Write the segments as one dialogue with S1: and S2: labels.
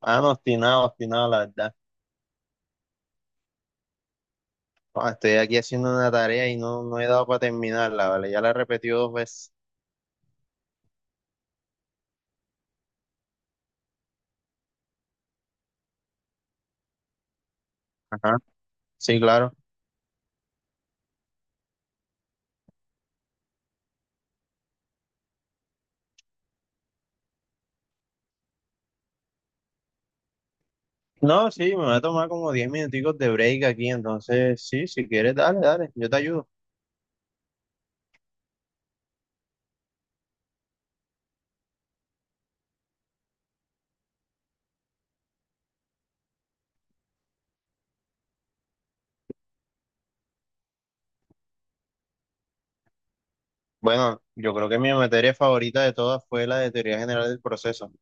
S1: Ah, no, obstinado, obstinado, la verdad. Ah, estoy aquí haciendo una tarea y no he dado para terminarla, ¿vale? Ya la he repetido dos veces. Ajá, sí, claro. No, sí, me va a tomar como diez minuticos de break aquí, entonces, sí, si quieres, dale, yo te ayudo. Bueno, yo creo que mi materia favorita de todas fue la de teoría general del proceso.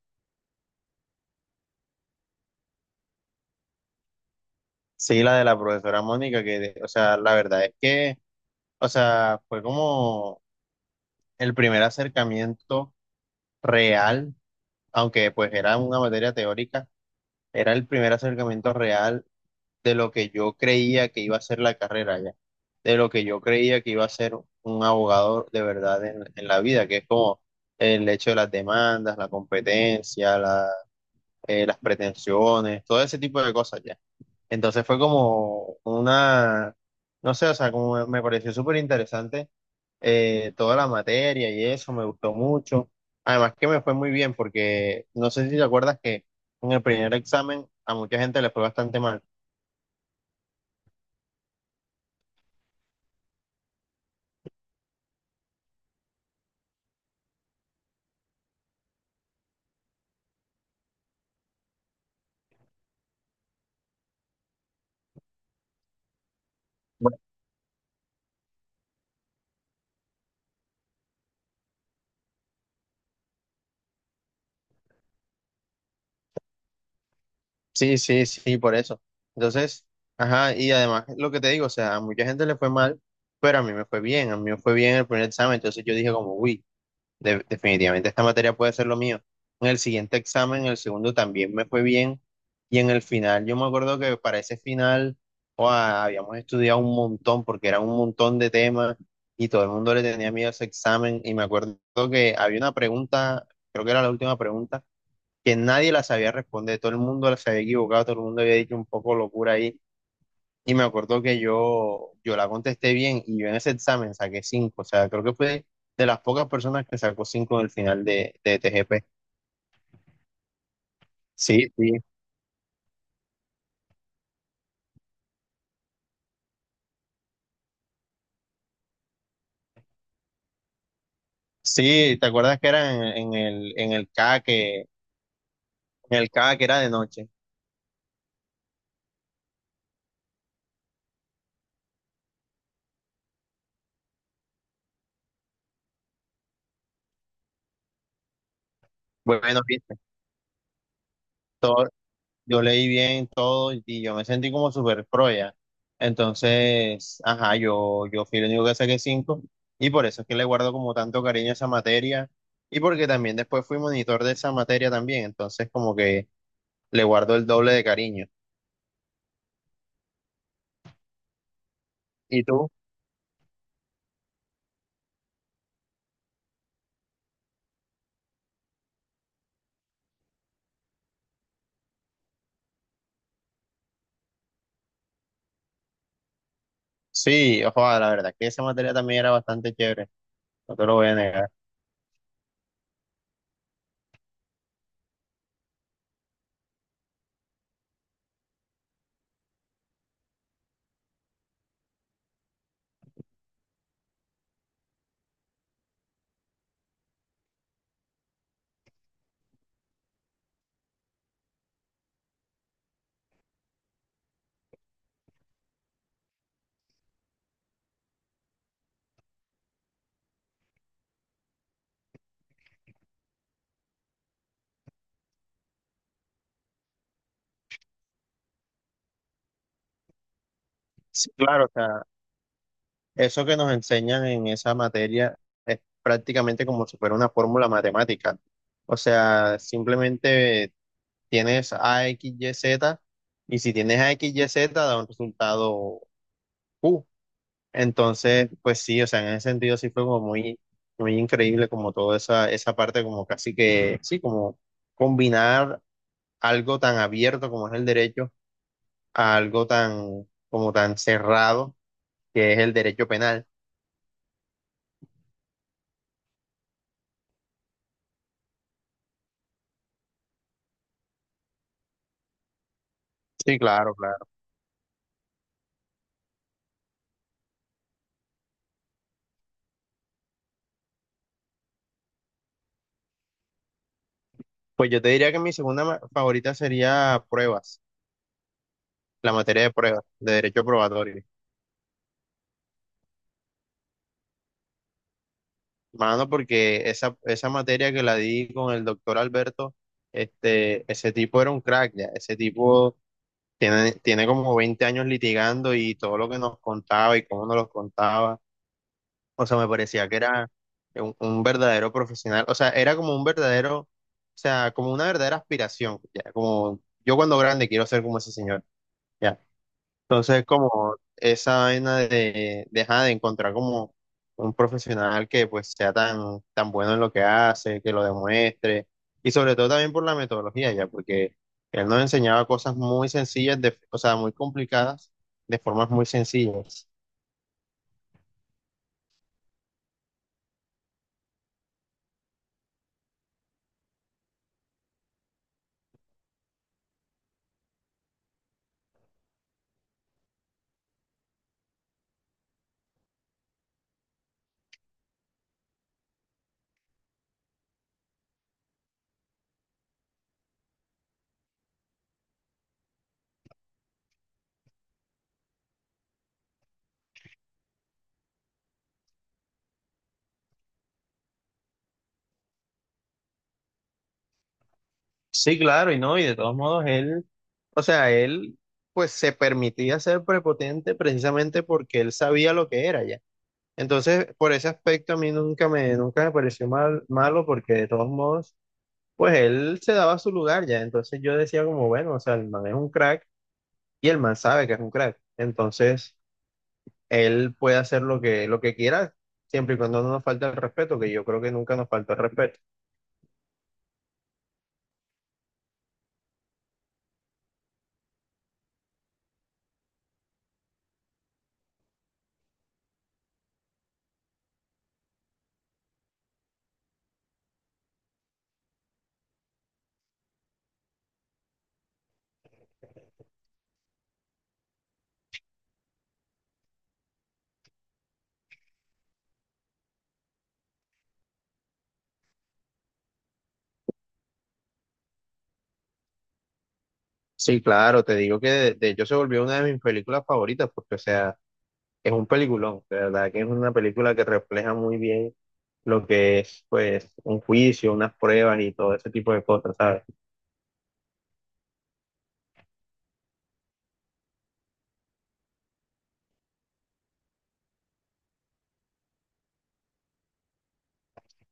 S1: Sí, la de la profesora Mónica, que, o sea, la verdad es que, o sea, fue como el primer acercamiento real, aunque pues era una materia teórica, era el primer acercamiento real de lo que yo creía que iba a ser la carrera ya, de lo que yo creía que iba a ser un abogado de verdad en la vida, que es como el hecho de las demandas, la competencia, las pretensiones, todo ese tipo de cosas ya. Entonces fue como una, no sé, o sea, como me pareció súper interesante toda la materia y eso, me gustó mucho. Además que me fue muy bien porque no sé si te acuerdas que en el primer examen a mucha gente le fue bastante mal. Sí, sí, sí, por eso. Entonces, ajá, y además lo que te digo, o sea, a mucha gente le fue mal, pero a mí me fue bien, a mí me fue bien el primer examen, entonces yo dije como, uy, definitivamente esta materia puede ser lo mío. En el siguiente examen, en el segundo también me fue bien, y en el final, yo me acuerdo que para ese final, ¡guau! Habíamos estudiado un montón, porque era un montón de temas, y todo el mundo le tenía miedo a ese examen, y me acuerdo que había una pregunta, creo que era la última pregunta que nadie la sabía responder, todo el mundo la se había equivocado, todo el mundo había dicho un poco locura ahí, y me acuerdo que yo la contesté bien, y yo en ese examen saqué cinco, o sea, creo que fue de las pocas personas que sacó cinco en el final de TGP. Sí, sí. Sí, ¿te acuerdas que era en, en el K que, en el K que era de noche? Bueno, viste, todo, yo leí bien todo y yo me sentí como súper pro ya. Entonces, ajá, yo fui el único que saqué cinco y por eso es que le guardo como tanto cariño a esa materia y porque también después fui monitor de esa materia también, entonces como que le guardo el doble de cariño. ¿Y tú? Sí, ojo, la verdad que esa materia también era bastante chévere, no te lo voy a negar. Sí, claro, o sea, eso que nos enseñan en esa materia es prácticamente como si fuera una fórmula matemática. O sea, simplemente tienes A, X, Y, Z, y si tienes A, X, Y, Z, da un resultado Q. Entonces, pues sí, o sea, en ese sentido sí fue como muy, muy increíble como toda esa parte, como casi que, sí, como combinar algo tan abierto como es el derecho a algo tan, como tan cerrado que es el derecho penal. Sí, claro, claro. Pues yo te diría que mi segunda favorita sería pruebas, la materia de pruebas, de derecho probatorio. Mano, porque esa materia que la di con el doctor Alberto, este, ese tipo era un crack, ya. Ese tipo tiene como 20 años litigando y todo lo que nos contaba y cómo nos lo contaba. O sea, me parecía que era un verdadero profesional. O sea, era como un verdadero, o sea, como una verdadera aspiración, ya. Como yo cuando grande quiero ser como ese señor, ya. Entonces, como esa vaina de dejar de encontrar como un profesional que pues sea tan, tan bueno en lo que hace, que lo demuestre, y sobre todo también por la metodología ya, porque él nos enseñaba cosas muy sencillas, de, o sea, muy complicadas, de formas muy sencillas. Sí, claro, y no, y de todos modos él, o sea, él pues se permitía ser prepotente precisamente porque él sabía lo que era ya. Entonces, por ese aspecto a mí nunca me, nunca me pareció mal, malo porque de todos modos, pues él se daba su lugar ya. Entonces yo decía como, bueno, o sea, el man es un crack y el man sabe que es un crack. Entonces, él puede hacer lo que quiera, siempre y cuando no nos falte el respeto, que yo creo que nunca nos faltó el respeto. Sí, claro, te digo que de hecho se volvió una de mis películas favoritas porque, o sea, es un peliculón, de verdad que es una película que refleja muy bien lo que es, pues, un juicio, unas pruebas y todo ese tipo de cosas, ¿sabes?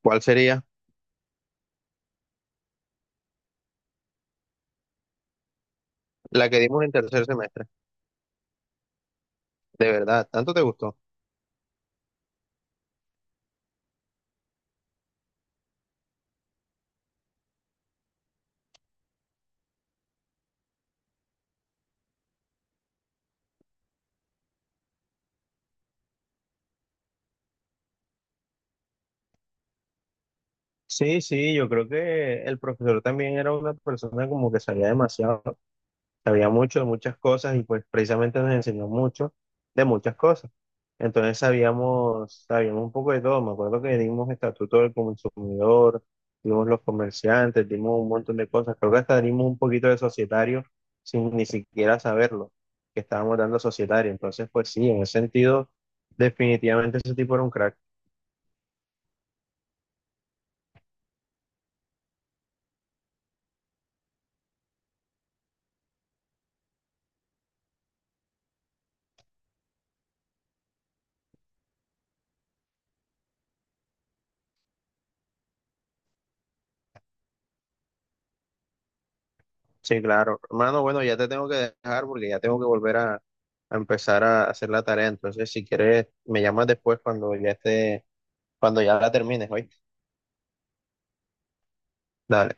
S1: ¿Cuál sería? La que dimos en tercer semestre. De verdad, ¿tanto te gustó? Sí, sí, yo creo que el profesor también era una persona como que sabía demasiado. Sabía mucho de muchas cosas y pues precisamente nos enseñó mucho de muchas cosas. Entonces sabíamos un poco de todo. Me acuerdo que dimos estatuto del consumidor, dimos los comerciantes, dimos un montón de cosas. Creo que hasta dimos un poquito de societario sin ni siquiera saberlo, que estábamos dando societario. Entonces, pues sí, en ese sentido, definitivamente ese tipo era un crack. Sí, claro. Hermano, bueno, ya te tengo que dejar porque ya tengo que volver a empezar a hacer la tarea. Entonces, si quieres, me llamas después cuando ya estés. Cuando ya la termines, ¿oíste? Dale.